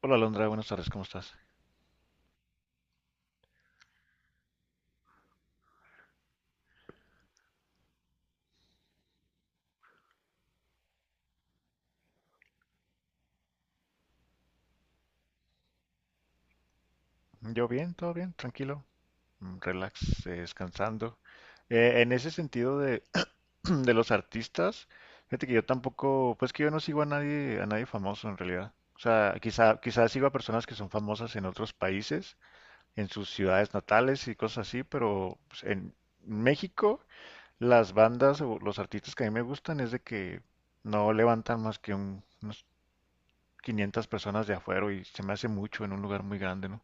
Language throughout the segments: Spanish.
Hola Alondra, buenas tardes, ¿cómo estás? Yo bien, todo bien, tranquilo, relax, descansando. En ese sentido de los artistas, fíjate que yo tampoco, pues que yo no sigo a nadie famoso en realidad. O sea, quizá sigo a personas que son famosas en otros países, en sus ciudades natales y cosas así, pero pues, en México las bandas o los artistas que a mí me gustan es de que no levantan más que unos 500 personas de afuera y se me hace mucho en un lugar muy grande, ¿no?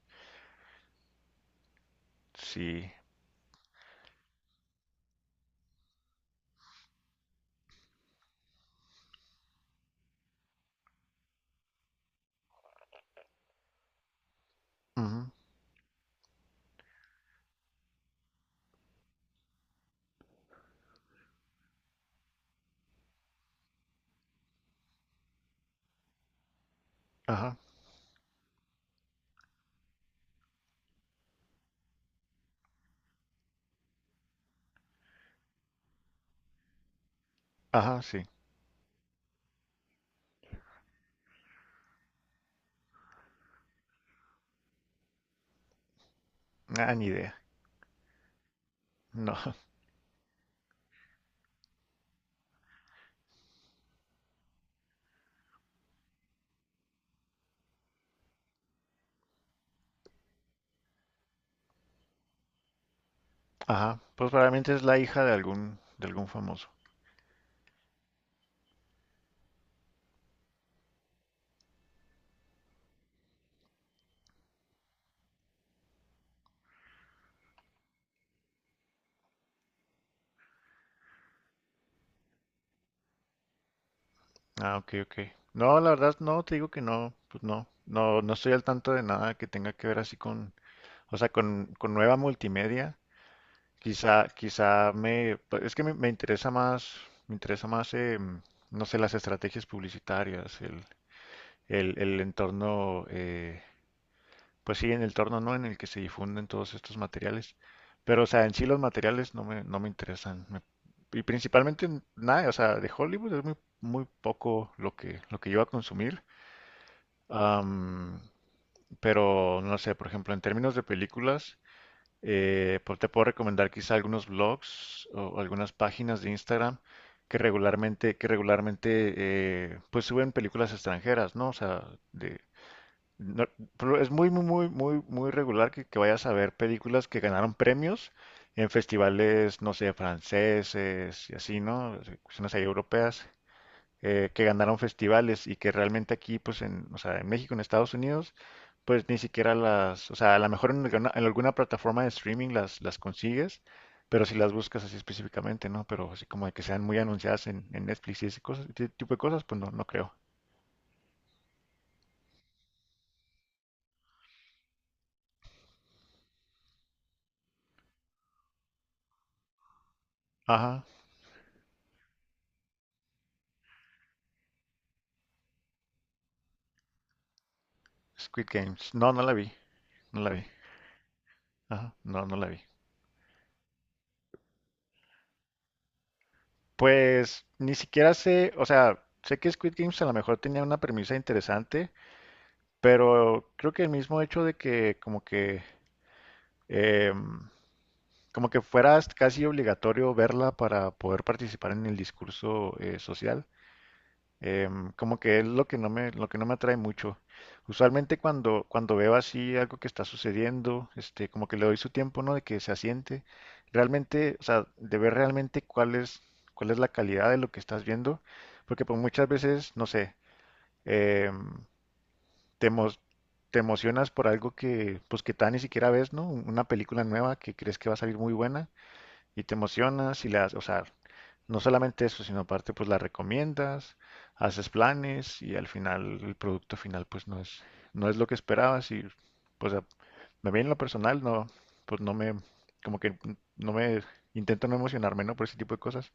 Sí. Ujú. Ajá. Ajá, sí. Ah, ni idea. No. Ajá. Pues probablemente es la hija de algún famoso. Ah, ok, ok. No, la verdad, no, te digo que no, pues no. No, no estoy al tanto de nada que tenga que ver así o sea, con nueva multimedia. Quizá pues, es que me interesa más, me interesa más, em, no sé, las estrategias publicitarias, el, el entorno, Pues sí, en el torno, ¿no? En el que se difunden todos estos materiales. Pero, o sea, en sí los materiales no me interesan. Y principalmente nada, o sea, de Hollywood es muy, muy poco lo que, yo voy a consumir. Am, pero, no sé, por ejemplo, en términos de películas, pues te puedo recomendar quizá algunos blogs o algunas páginas de Instagram que regularmente pues suben películas extranjeras, ¿no? O sea, no, pero es muy, muy, muy, muy, muy regular que vayas a ver películas que ganaron premios en festivales, no sé, franceses y así, ¿no? Cuestiones ahí europeas, que ganaron festivales y que realmente aquí, pues, o sea, en México, en Estados Unidos, pues ni siquiera o sea, a lo mejor en alguna, plataforma de streaming las consigues, pero si las buscas así específicamente, ¿no? Pero así como de que sean muy anunciadas en Netflix y ese tipo de cosas, pues no creo. Ajá, Squid Games. No, no la vi, no la vi. Ajá, no, no la vi. Pues ni siquiera sé, o sea, sé que Squid Games a lo mejor tenía una premisa interesante, pero creo que el mismo hecho de que como que em, como que fuera casi obligatorio verla para poder participar en el discurso social. Como que es lo que no me atrae mucho. Usualmente cuando veo así algo que está sucediendo, este, como que le doy su tiempo, ¿no? De que se asiente. Realmente, o sea, de ver realmente cuál es la calidad de lo que estás viendo. Porque pues muchas veces, no sé, em, te, emo- te emocionas por algo que, pues que tal ni siquiera ves, ¿no? Una película nueva que crees que va a salir muy buena y te emocionas y las, o sea, no solamente eso, sino aparte pues la recomiendas, haces planes y al final el producto final pues no es lo que esperabas y pues a- me bien en lo personal, no, pues no me, como que no me, intento no emocionarme, ¿no? Por ese tipo de cosas,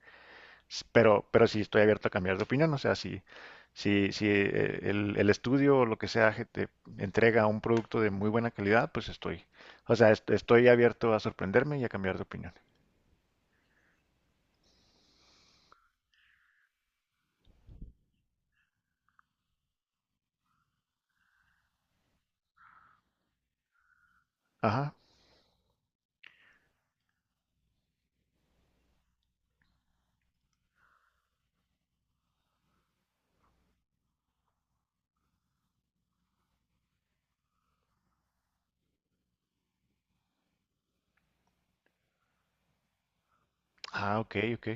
pero sí estoy abierto a cambiar de opinión, o sea, si, si el estudio o lo que sea que te entrega un producto de muy buena calidad, pues estoy, o sea, estoy abierto a sorprenderme y a cambiar de opinión. Ajá. Ah, ok, ok.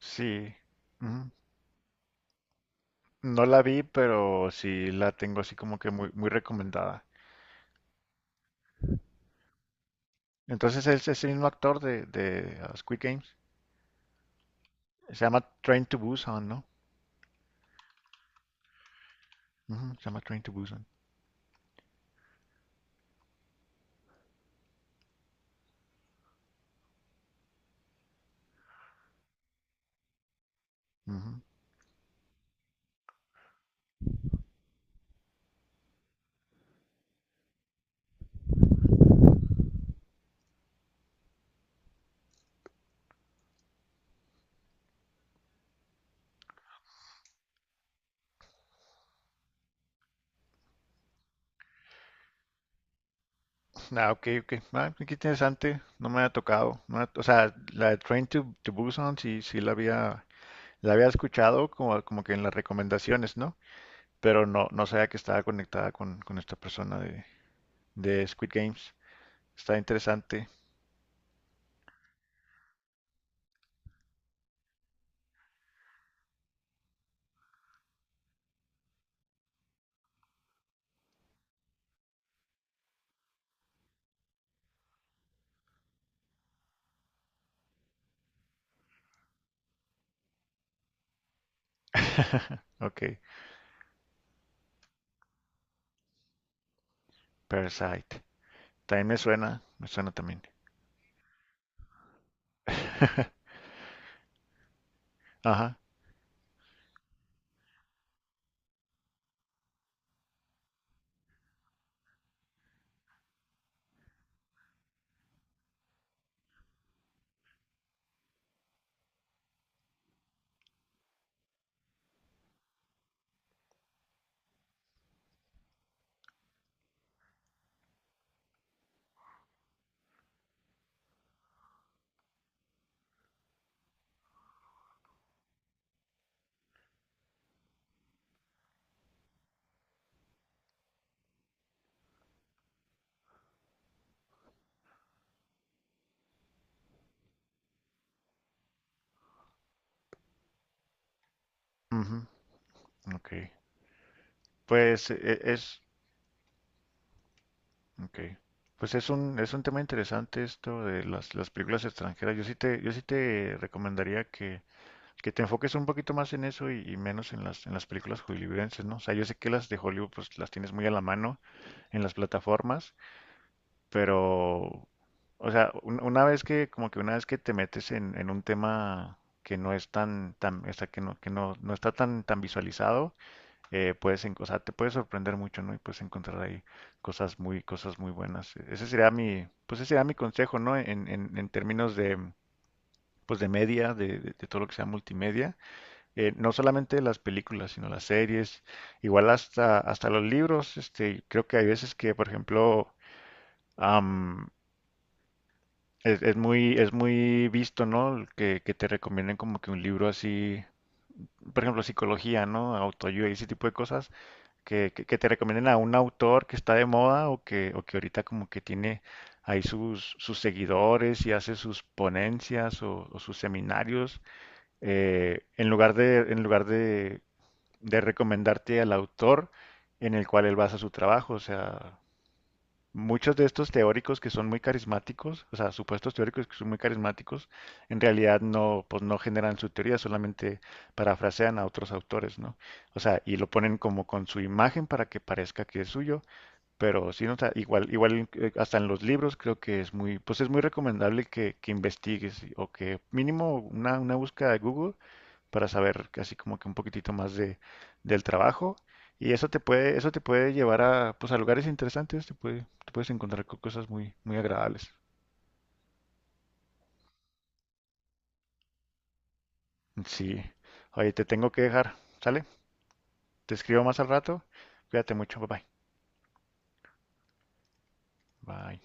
Sí. Ujú. No la vi, pero sí la tengo así como que muy, muy recomendada. Entonces es ese mismo actor de Squid Games. Se llama Train to Busan, ¿no? Ujú, se llama Train to Busan. Ujú. Ah, ok, ok. Ah, qué interesante. No me ha tocado. No me ha- o sea, la de Train to Busan sí, sí la había escuchado como que en las recomendaciones, ¿no? Pero no sabía que estaba conectada con esta persona de Squid Games. Está interesante. Ok, Parasite. También me suena también. Ajá, ujú, ok. Pues ok. Pues es un tema interesante esto de las películas extranjeras. Yo sí te recomendaría que te enfoques un poquito más en eso y menos en en las películas hollywoodenses, ¿no? O sea, yo sé que las de Hollywood pues las tienes muy a la mano en las plataformas. Pero, o sea, una vez que te metes en un tema que no es tan, tan, o sea, que no, no está tan, tan visualizado, o sea, te puede sorprender mucho, ¿no? Y puedes encontrar ahí cosas muy buenas. Pues ese sería mi consejo, ¿no? En términos de, pues de media, de todo lo que sea multimedia, no solamente las películas, sino las series, igual hasta los libros, este, creo que hay veces que, por ejemplo, es muy visto, ¿no? Que te recomienden como que un libro así, por ejemplo, psicología, ¿no? Autoayuda y ese tipo de cosas, que te recomienden a un autor que está de moda o o que ahorita como que tiene ahí sus seguidores y hace sus ponencias o sus seminarios, en lugar de recomendarte al autor en el cual él basa su trabajo. O sea, muchos de estos teóricos que son muy carismáticos, o sea, supuestos teóricos que son muy carismáticos, en realidad no, pues no generan su teoría, solamente parafrasean a otros autores, ¿no? O sea, y lo ponen como con su imagen para que parezca que es suyo, pero sí, no, o sea, igual hasta en los libros creo que pues es muy recomendable que investigues o que mínimo una búsqueda de Google para saber casi como que un poquitito más del trabajo. Y eso te puede llevar a, pues, a lugares interesantes, te puedes encontrar con cosas muy, muy agradables. Sí. Oye, te tengo que dejar, ¿sale? Te escribo más al rato. Cuídate mucho, bye bye. Bye.